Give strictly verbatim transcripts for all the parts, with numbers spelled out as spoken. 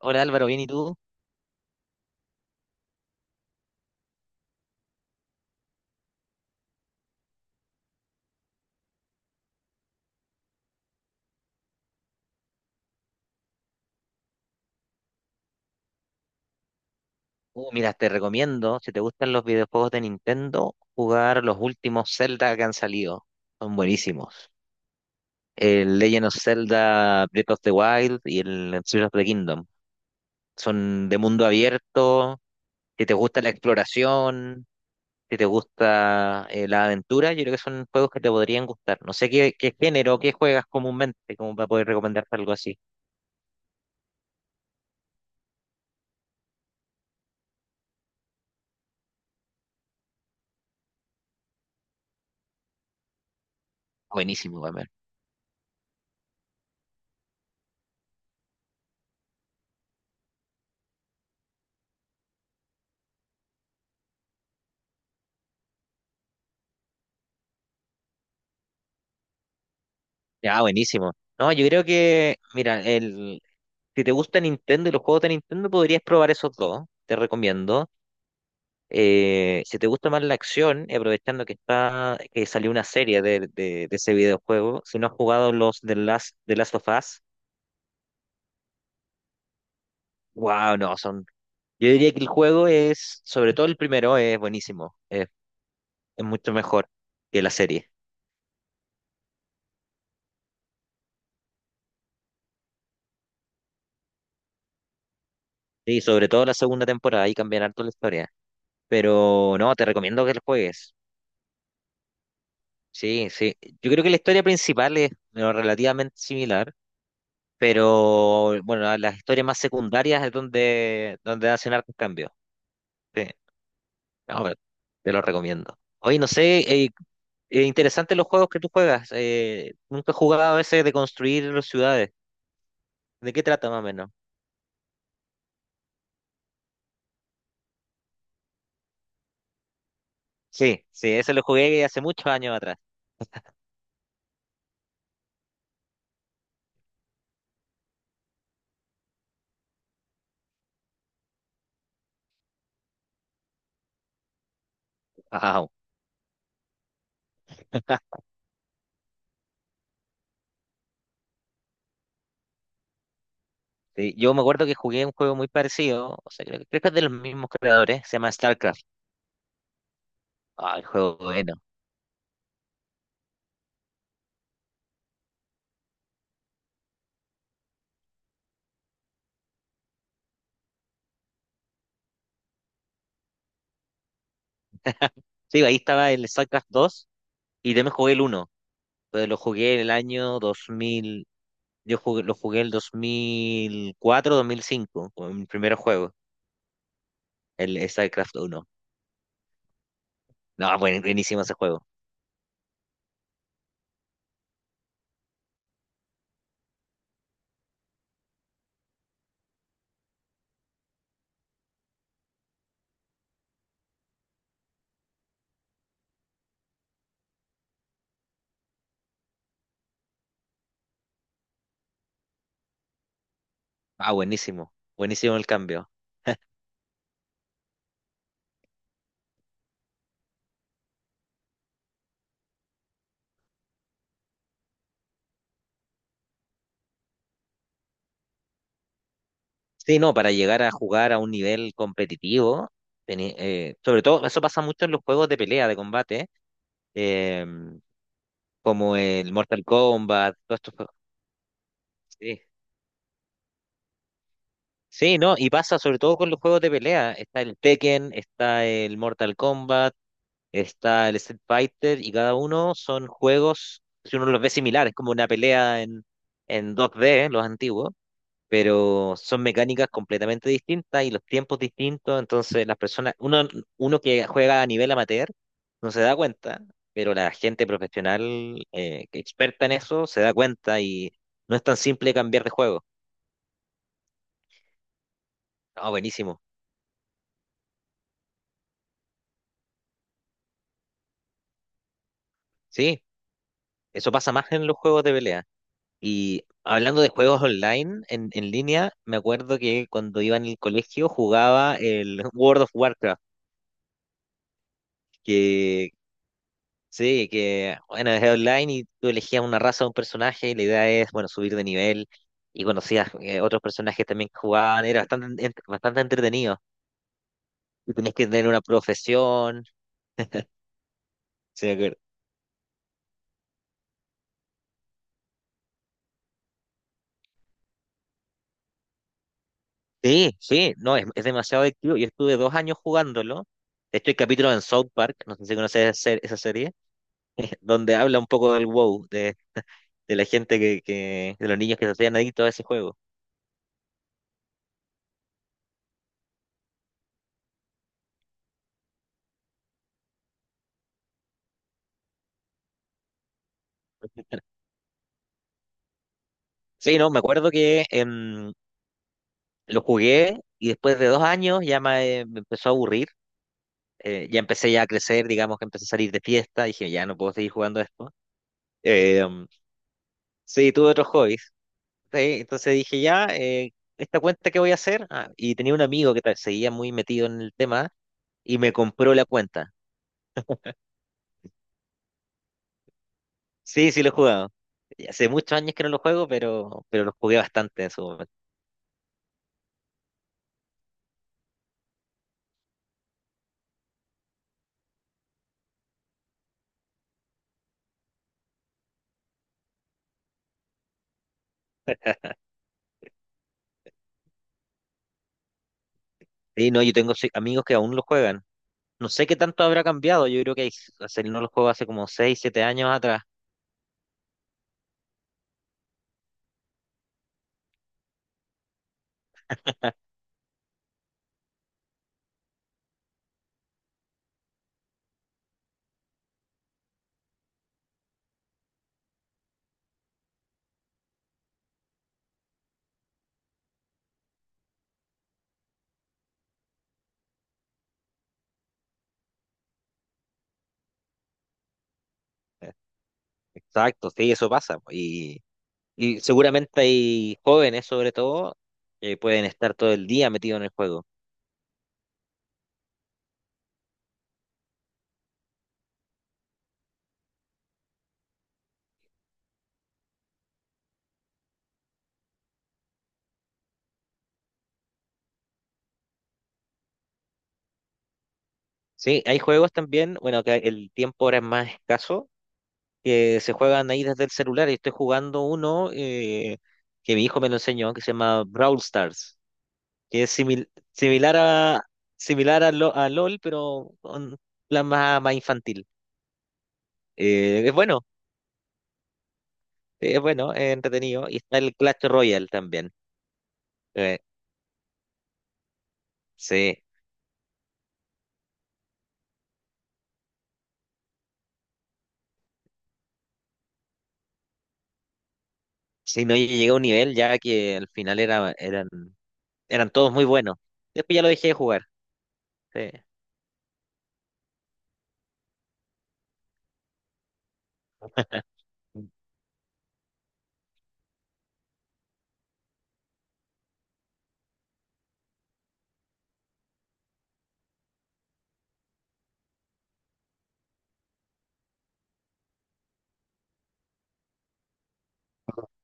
Hola Álvaro, ¿bien y tú? Uh, mira, te recomiendo, si te gustan los videojuegos de Nintendo, jugar los últimos Zelda que han salido. Son buenísimos. El Legend of Zelda Breath of the Wild y el Tears of the Kingdom. Son de mundo abierto. Si te gusta la exploración, si te gusta eh, la aventura, yo creo que son juegos que te podrían gustar. No sé qué, qué, género, qué juegas comúnmente, como para poder recomendarte algo así. Buenísimo, Gamer. Ah, buenísimo. No, yo creo que, mira, el, si te gusta Nintendo y los juegos de Nintendo, podrías probar esos dos, te recomiendo. Eh, si te gusta más la acción, y aprovechando que está, que salió una serie de, de- de ese videojuego, si no has jugado los de Last, de Last of Us. Wow, no, son. Yo diría que el juego es, sobre todo el primero, es buenísimo, es, es mucho mejor que la serie. Sí, sobre todo la segunda temporada, ahí cambian harto la historia. Pero no, te recomiendo que lo juegues. Sí, sí. Yo creo que la historia principal es bueno, relativamente similar, pero bueno, a las historias más secundarias es donde, donde, hacen hartos cambios. Sí, no, pero te lo recomiendo. Oye, no sé, eh, eh, interesante los juegos que tú juegas. eh, nunca he jugado a ese de construir las ciudades. ¿De qué trata más o menos? Sí, sí, ese lo jugué hace muchos años atrás. Wow. Sí, yo me acuerdo que jugué un juego muy parecido, o sea, creo, que creo que es de los mismos creadores, se llama StarCraft. Ah, el juego bueno. Sí, ahí estaba el StarCraft dos y también jugué el uno. Entonces lo jugué en el año. Yo jugué, lo jugué el dos mil cuatro, dos mil cinco, con mi primer juego, el StarCraft uno. No, buen- buenísimo ese juego. Ah, buenísimo. Buenísimo el cambio. Sí, no, para llegar a jugar a un nivel competitivo, tení- eh, sobre todo, eso pasa mucho en los juegos de pelea, de combate, eh, como el Mortal Kombat, todos estos juegos. Sí. Sí, no, y pasa sobre todo con los juegos de pelea. Está el Tekken, está el Mortal Kombat, está el Street Fighter y cada uno son juegos, si uno los ve similares, como una pelea en, en, dos D, los antiguos, pero son mecánicas completamente distintas y los tiempos distintos, entonces las personas, uno, uno que juega a nivel amateur no se da cuenta, pero la gente profesional eh, que experta en eso se da cuenta y no es tan simple cambiar de juego. Ah, buenísimo. Sí, eso pasa más en los juegos de pelea. Y hablando de juegos online, en, en, línea, me acuerdo que cuando iba en el colegio jugaba el World of Warcraft, que sí, que bueno, es online y tú elegías una raza o un personaje y la idea es, bueno, subir de nivel, y conocías eh, otros personajes también que jugaban, era bastante, en- bastante entretenido. Y tenías que tener una profesión. Sí, me acuerdo. Sí, sí, no, es, es, demasiado adictivo. Yo estuve dos años jugándolo. De hecho, hay capítulos en South Park, no sé si conoces esa ser- esa serie donde habla un poco del WoW, de de la gente que, que, de los niños que se hacían adictos a ese juego. Sí, no, me acuerdo que em, lo jugué y después de dos años ya me, eh, me empezó a aburrir. eh, ya empecé ya a crecer, digamos que empecé a salir de fiesta. Dije, ya no puedo seguir jugando esto. Eh, em, sí, tuve otros hobbies. Sí, entonces dije, ya, eh, ¿esta cuenta qué voy a hacer? Ah, y tenía un amigo que ta- seguía muy metido en el tema y me compró la cuenta. Sí, sí lo he jugado. Y hace muchos años que no lo juego, pero, pero lo jugué bastante en su momento. Sí, no, yo tengo sí, amigos que aún lo juegan. No sé qué tanto habrá cambiado. Yo creo que hace- no los juegos hace como seis siete años atrás. Eh, Exacto, sí, eso pasa, po. Y, y seguramente hay jóvenes, sobre todo, que pueden estar todo el día metidos en el juego. Sí, hay juegos también, bueno, que el tiempo ahora es más escaso, que se juegan ahí desde el celular. Y estoy jugando uno eh, que mi hijo me lo enseñó, que se llama Brawl Stars, que es simil- similar a, similar a, Lo- a LOL, pero con plan más, más infantil. Eh, es bueno. Sí, es bueno, es entretenido. Y está el Clash Royale también. Eh, sí, sí, no, yo llegué a un nivel ya que al final era, eran, eran todos muy buenos. Después ya lo dejé de jugar. Sí, sí,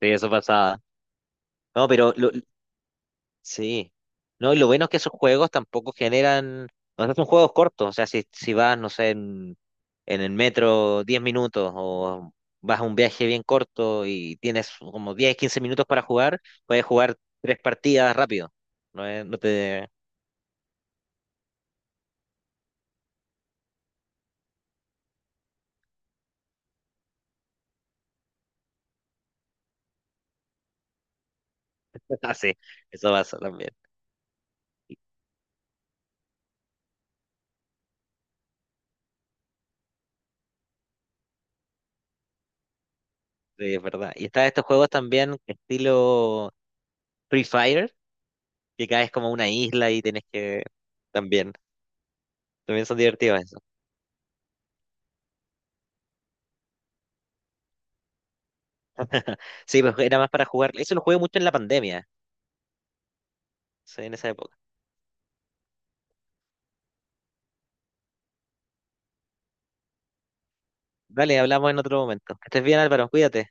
eso pasaba. No, pero lo- sí. No, y lo bueno es que esos juegos tampoco generan. O sea, son juegos cortos. O sea, si, si vas, no sé, en, en, el metro diez minutos, o vas a un viaje bien corto y tienes como diez quince minutos para jugar, puedes jugar tres partidas rápido. No, es- no te. Ah, sí, eso pasa también. Sí, es verdad. Y están estos juegos también estilo Free Fire, que caes como a una isla y tienes que... También, también son divertidos eso. Sí, pues era más para jugar. Eso lo jugué mucho en la pandemia, sí, en esa época. Vale, hablamos en otro momento. Que estés bien, Álvaro, cuídate.